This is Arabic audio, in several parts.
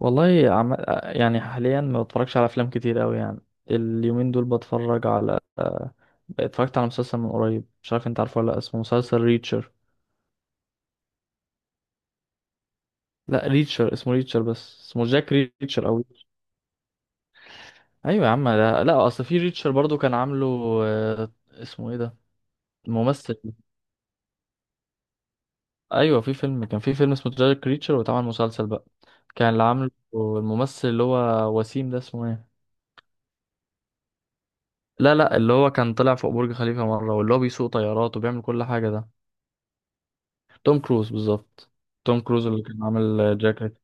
والله يعني حاليا ما بتفرجش على افلام كتير قوي يعني. اليومين دول بتفرج على اتفرجت على مسلسل من قريب، مش عارف انت عارفه ولا لا، اسمه مسلسل ريتشر. لا، ريتشر اسمه ريتشر، بس اسمه جاك ريتشر او ريتشر. ايوه يا عم، ده لا اصل في ريتشر برضو كان عامله اسمه ايه ده؟ الممثل. ايوه في فيلم، كان في فيلم اسمه جاك ريتشر واتعمل مسلسل بقى. كان اللي عامله الممثل اللي هو وسيم ده اسمه ايه؟ لا لا، اللي هو كان طلع فوق برج خليفة مرة، واللي هو بيسوق طيارات وبيعمل كل حاجة ده. توم كروز بالظبط. توم كروز اللي كان عامل جاكيت.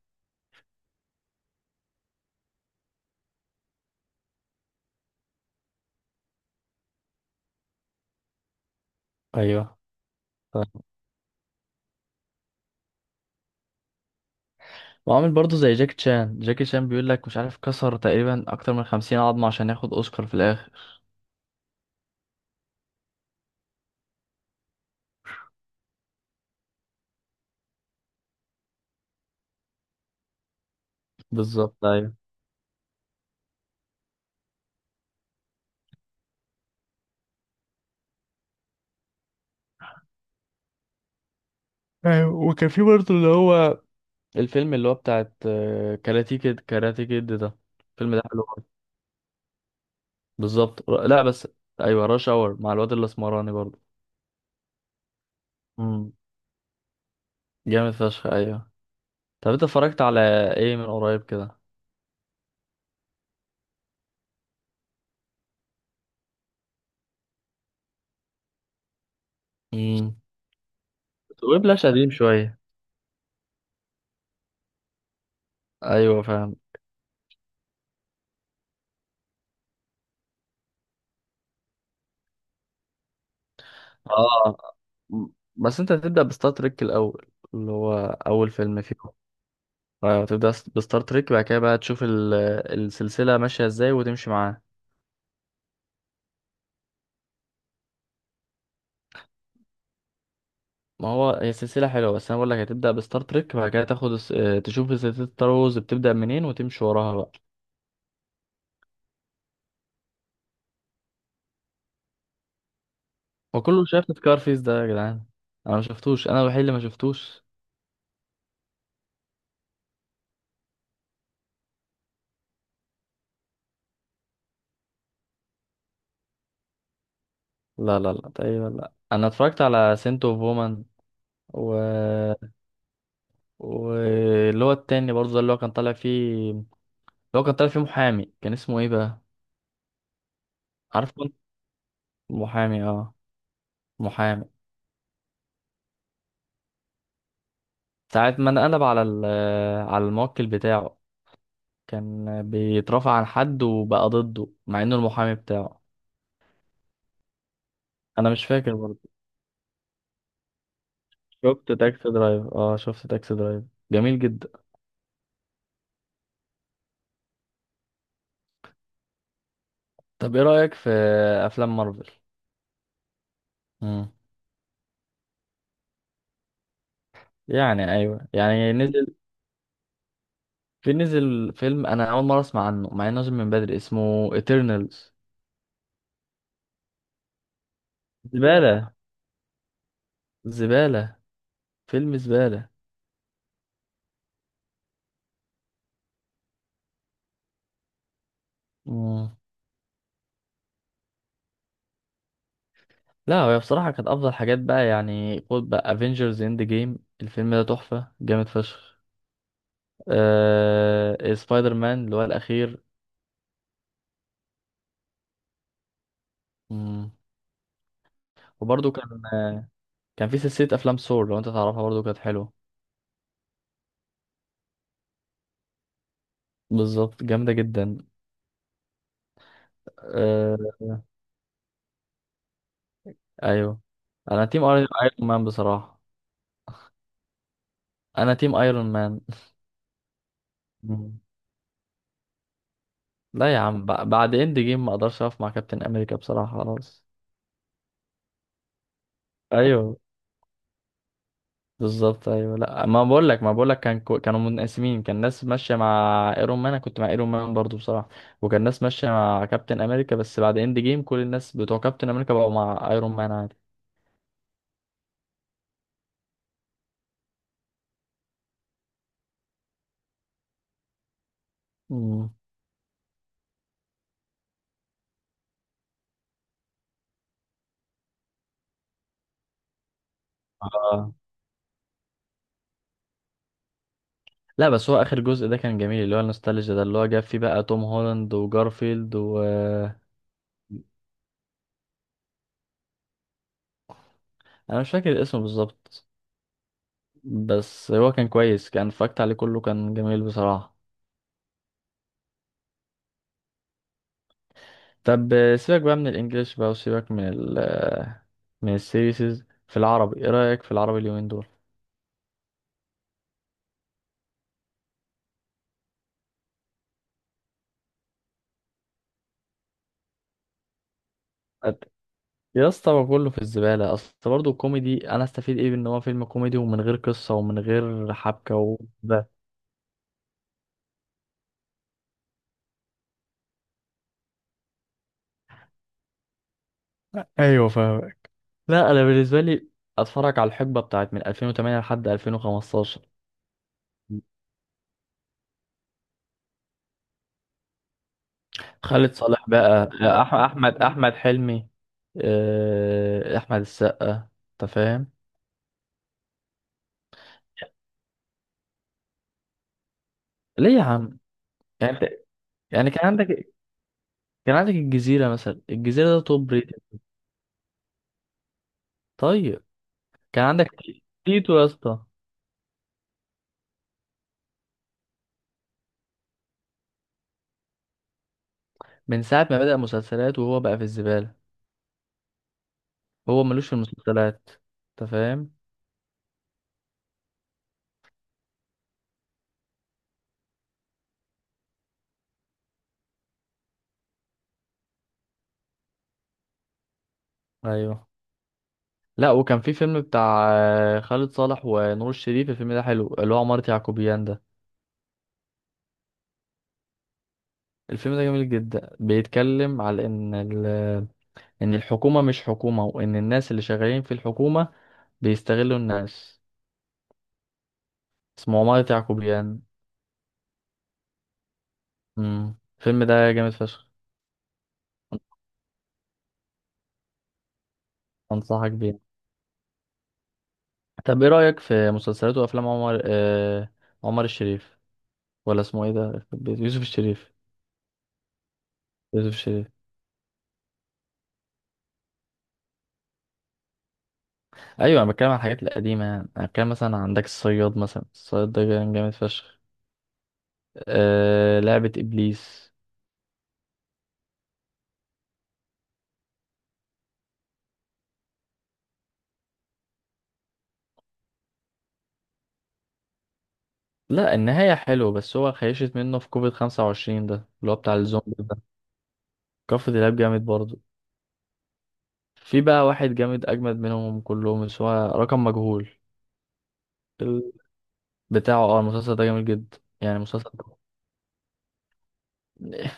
ايوه ف- وعامل برضه زي جاكي شان. جاكي شان بيقول لك مش عارف كسر تقريبا اكتر من 50 عظمة عشان ياخد اوسكار في الاخر. بالظبط ايوه. ايوه وكان في برضه اللي هو الفيلم اللي هو بتاعت كاراتي كيد. كاراتي كيد ده الفيلم ده حلو برضه. بالظبط لا بس. ايوه راش اور مع الواد الاسمراني برضه. امم جامد فشخ ايوه. طب انت اتفرجت على ايه من قريب كده؟ امم ويبلاش قديم شويه. ايوه فاهم. اه م- بس انت هتبدأ بستار تريك الأول، اللي هو أول فيلم فيهم. هتبدأ بستار تريك، بعد كده بقى تشوف السلسلة ماشية ازاي وتمشي معاها. ما هو هي سلسلة حلوة، بس أنا بقول لك هتبدأ بستار تريك، بعد كده تاخد تشوف سلسلة ستار وورز بتبدأ منين وتمشي وراها بقى. وكله شاف سكارفيس ده يا جدعان. أنا ما شفتوش، أنا الوحيد اللي ما شفتوش. لا لا لا، تقريبا لا، أنا اتفرجت على سنت اوف وومن و... واللي هو التاني برضه ده اللي هو كان طالع فيه. لو كان طالع فيه محامي كان اسمه ايه بقى؟ عارف كنت محامي اه. محامي. ساعة ما انقلب على على الموكل بتاعه، كان بيترافع عن حد وبقى ضده مع انه المحامي بتاعه. انا مش فاكر برضه. شفت تاكسي درايفر. اه شفت تاكسي درايفر جميل جدا. طب ايه رأيك في افلام مارفل؟ مم. يعني ايوه، يعني نزل، في نزل فيلم انا اول مرة اسمع عنه مع انه نازل من بدري اسمه ايترنالز. زبالة، زبالة، فيلم زبالة. مم. لا هي بصراحة كانت أفضل حاجات بقى، يعني خد بقى افنجرز اند جيم، الفيلم ده تحفة جامد فشخ. سبايدر مان اللي هو الأخير. مم. وبرضه كان كان في سلسلة أفلام سور لو أنت تعرفها برضه كانت حلوة. بالظبط جامدة جدا. أه... أيوه. أنا تيم أيرون مان بصراحة. أنا تيم أيرون مان. مم. لا يا عم، بعد اند جيم ما أقدرش أقف مع كابتن أمريكا بصراحة، خلاص. أيوه بالظبط ايوه. لا ما بقول لك، ما بقول لك كان كانوا منقسمين. كان ناس ماشيه مع ايرون مان، انا كنت مع ايرون مان برضو بصراحه. وكان ناس ماشيه مع كابتن امريكا، بس بعد اند جيم كل الناس بتوع كابتن امريكا بقوا مع ايرون مان عادي. مم. آه. لا بس هو اخر جزء ده كان جميل، اللي هو النوستالجيا ده اللي هو جاب فيه بقى توم هولاند وجارفيلد و... انا مش فاكر اسمه بالظبط، بس هو كان كويس، كان اتفرجت عليه كله كان جميل بصراحه. طب سيبك بقى من الانجليش بقى وسيبك من ال من السيريسز في العربي. ايه رأيك في العربي اليومين دول؟ أت- يا اسطى هو كله في الزبالة، اصل برضه الكوميدي انا استفيد ايه بان هو فيلم كوميدي ومن غير قصة ومن غير حبكة وده. ايوه فاهم. لا انا بالنسبة لي اتفرج على الحقبة بتاعت من 2008 لحد 2015. خالد صالح بقى احمد حلمي، احمد السقا انت فاهم. ليه يا عم؟ يعني انت، يعني كان عندك، كان عندك الجزيرة مثلا، الجزيرة ده توب ريتد. طيب كان عندك تيتو يا اسطى. من ساعة ما بدأ مسلسلات وهو بقى في الزبالة، هو ملوش في المسلسلات، انت فاهم. ايوه. لا وكان في فيلم بتاع خالد صالح ونور الشريف، الفيلم ده حلو، اللي هو عمارة يعقوبيان ده. الفيلم ده جميل جدا، بيتكلم على ان ان الحكومة مش حكومة، وان الناس اللي شغالين في الحكومة بيستغلوا الناس. اسمه عمارة يعقوبيان. الفيلم ده جامد فشخ. انصحك بيه. طب ايه رأيك في مسلسلات وافلام عمر عمر الشريف، ولا اسمه ايه ده؟ يوسف الشريف. يوسف الشريف. ايوه انا بتكلم عن الحاجات القديمه، يعني انا بتكلم مثلا عندك الصياد مثلا، الصياد ده كان جامد فشخ. لعبة ابليس. لا النهاية حلوة، بس هو خيشت منه في كوفيد 25 ده اللي هو بتاع الزومبي ده. كفر دلاب جامد برضه. في بقى واحد جامد اجمد منهم كلهم، بس هو رقم مجهول. ال- بتاعه اه المسلسل ده جامد جدا يعني مسلسل.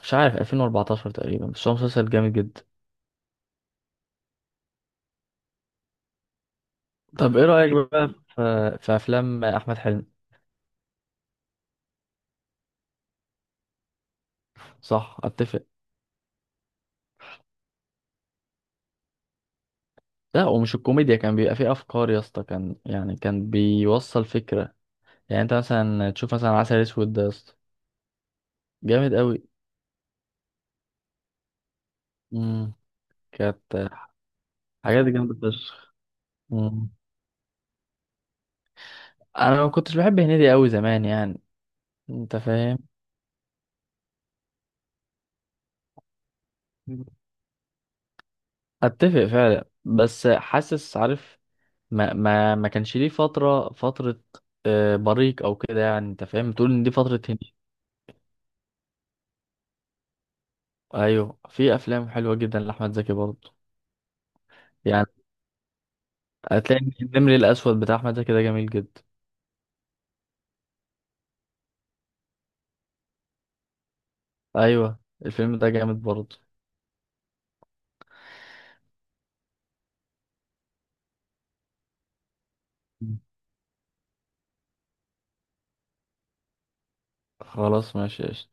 مش عارف 2014 تقريبا، بس هو مسلسل جامد جدا. طب ايه رأيك بقى في في افلام احمد حلمي؟ صح اتفق. لا ومش الكوميديا، كان بيبقى فيه افكار يا اسطى، كان يعني كان بيوصل فكرة. يعني انت مثلا تشوف مثلا عسل اسود ده يا اسطى، جامد قوي. امم كانت حاجات جامدة فشخ. مم. انا ما كنتش بحب هنيدي قوي زمان يعني، انت فاهم. اتفق فعلا، بس حاسس عارف ما كانش ليه فترة، بريق او كده يعني، انت فاهم، تقول ان دي فترة هندي. ايوه في افلام حلوة جدا لاحمد زكي برضه. يعني هتلاقي إن النمر الاسود بتاع احمد زكي ده جميل جدا. ايوه الفيلم ده جامد برضه. خلاص ماشي قشطة.